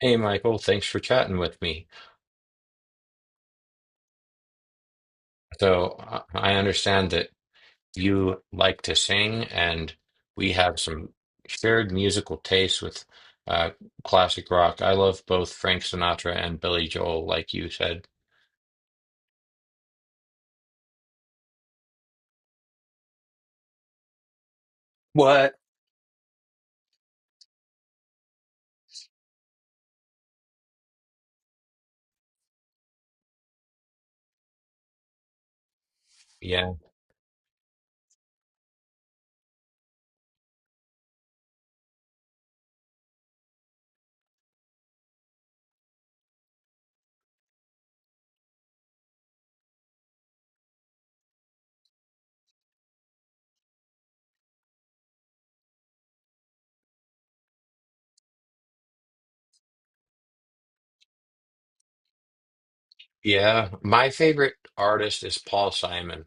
Hey, Michael, thanks for chatting with me. So I understand that you like to sing, and we have some shared musical tastes with uh, classic rock. I love both Frank Sinatra and Billy Joel, like you said. What? Yeah. Yeah, my favorite artist is Paul Simon.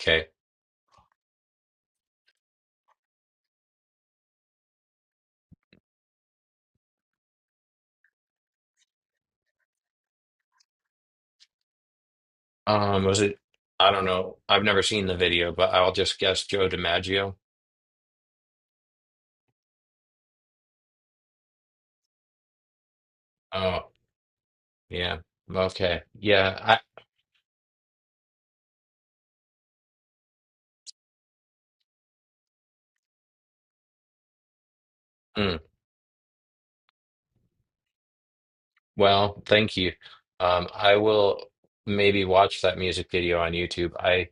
Okay. Was it? I don't know. I've never seen the video, but I'll just guess Joe DiMaggio. Oh, yeah. Okay. Yeah. I. Well, thank you. I will maybe watch that music video on YouTube. I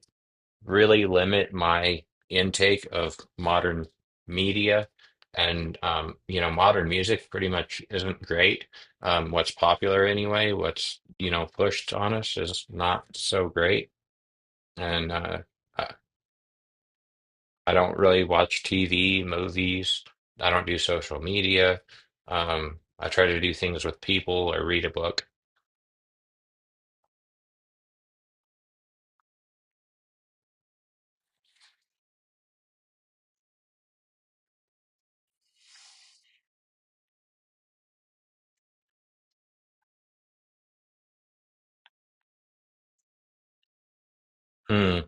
really limit my intake of modern media, and modern music pretty much isn't great. What's popular anyway, what's pushed on us is not so great, and I, I don't really watch TV, movies. I don't do social media. I try to do things with people or read a book. Hmm.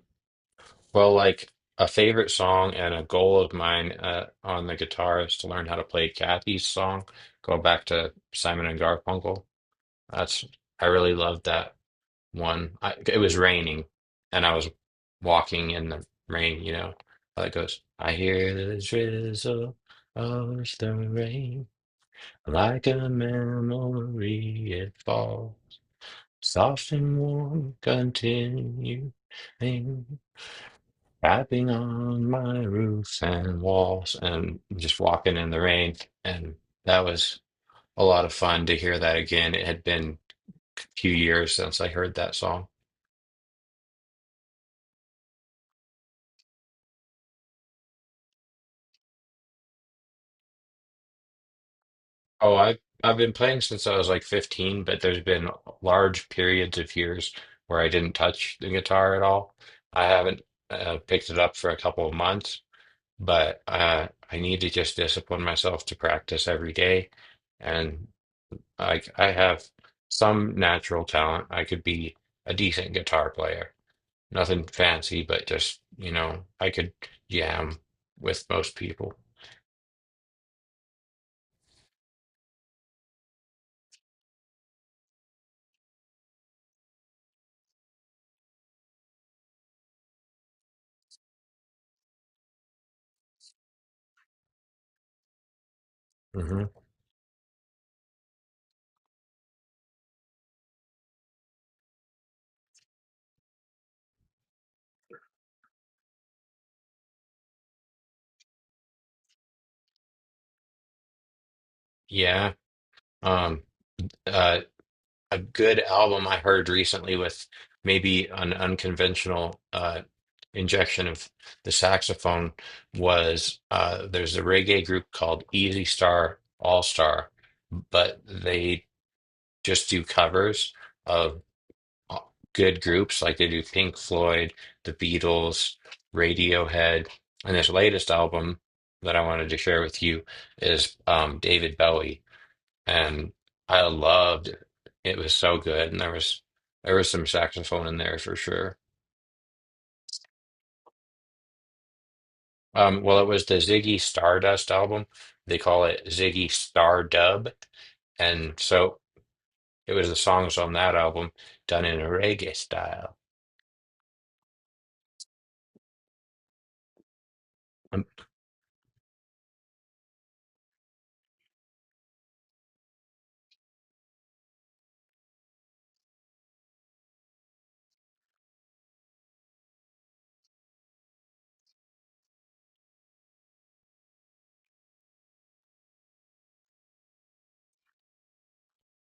Well, like a favorite song and a goal of mine on the guitar is to learn how to play Kathy's Song. Go back to Simon and Garfunkel. That's I really loved that one. I, it was raining, and I was walking in the rain. You know how it goes. I hear the drizzle of the rain, like a memory it falls, soft and warm, continuing tapping on my roofs and walls and just walking in the rain. And that was a lot of fun to hear that again. It had been a few years since I heard that song. Oh, I've been playing since I was like 15, but there's been large periods of years where I didn't touch the guitar at all. I haven't picked it up for a couple of months, but I need to just discipline myself to practice every day. And like I have some natural talent. I could be a decent guitar player. Nothing fancy, but just, you know, I could jam with most people. Hmm. Yeah. Um, uh, a good album I heard recently with maybe an unconventional injection of the saxophone was there's a reggae group called Easy Star All Star, but they just do covers, uh, good groups, like they do Pink Floyd, The Beatles, Radiohead, and this latest album that I wanted to share with you is David Bowie, and I loved it. It was so good, and there was some saxophone in there for sure. Well, it was the Ziggy Stardust album. They call it Ziggy Stardub, and so it was the songs on that album done in a reggae style. Um,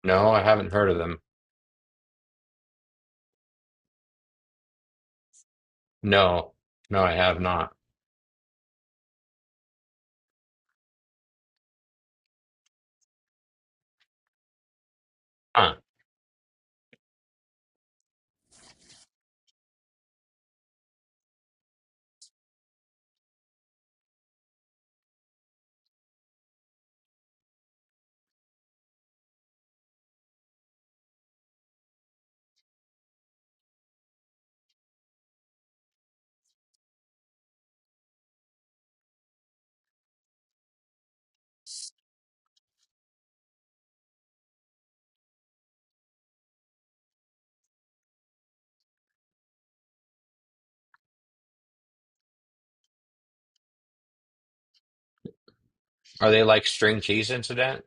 No, I haven't heard of them. No, no, I have not. Huh. Are they like String Cheese Incident?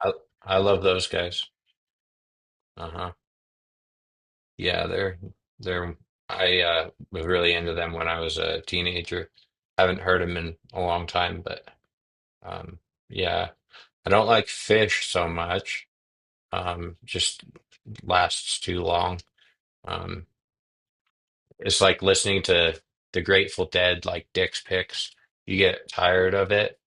I I love those guys. Uh-huh. Yeah, they're I was really into them when I was a teenager. Haven't heard them in a long time, but um yeah, I don't like fish so much. Just lasts too long. Um it's like listening to the Grateful Dead like Dick's Picks. You get tired of it,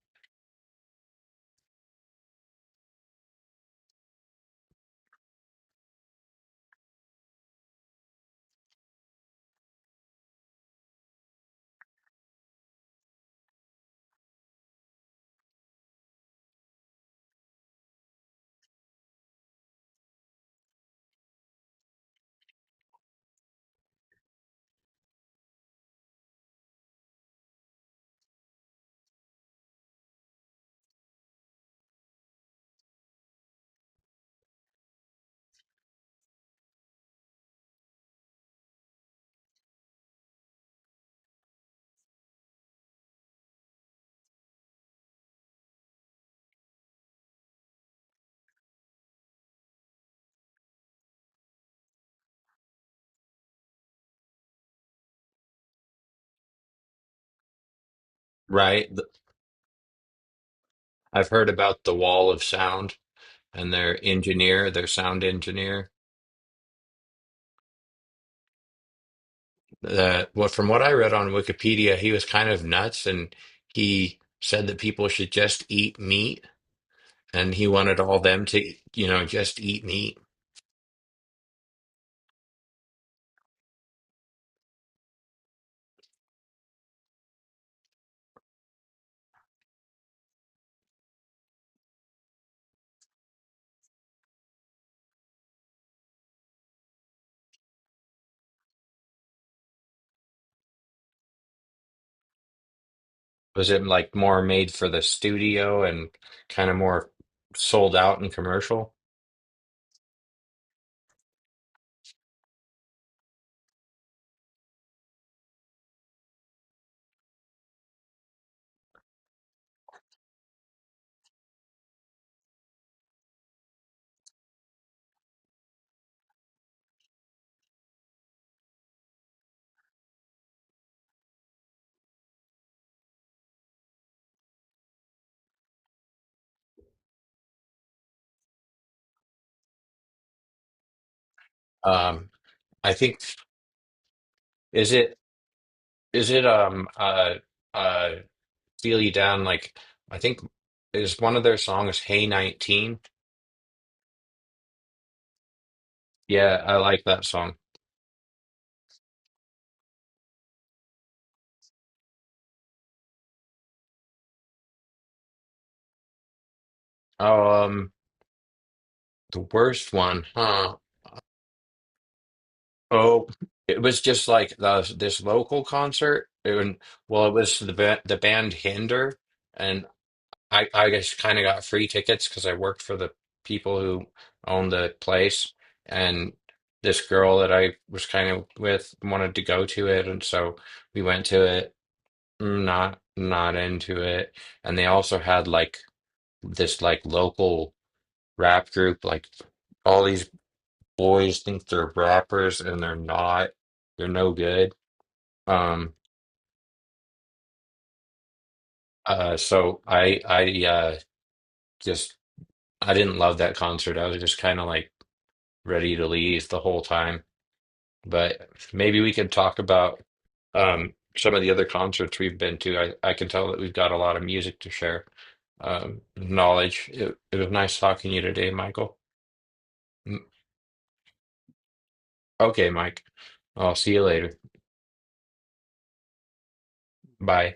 right? I've heard about the wall of sound and their engineer, their sound engineer. That what from what I read on Wikipedia, he was kind of nuts, and he said that people should just eat meat, and he wanted all them to, you know, just eat meat. Was it like more made for the studio and kind of more sold out and commercial? Um, I think is it is it um uh uh Feel You Down, like I think is one of their songs, Hey 19. Yeah, I like that song. Oh, the worst one, huh? Oh, it was just like the, this local concert. And well, it was the the band Hinder, and I just kind of got free tickets because I worked for the people who owned the place, and this girl that I was kind of with wanted to go to it, and so we went to it. Mm, not into it, and they also had like this like local rap group, like, all these boys think they're rappers and they're not. They're no good. Um, so just, I didn't love that concert. I was just kind of like ready to leave the whole time. But maybe we could talk about, some of the other concerts we've been to. I can tell that we've got a lot of music to share, knowledge. It was nice talking to you today, Michael. Mm, okay, Mike. I'll see you later. Bye.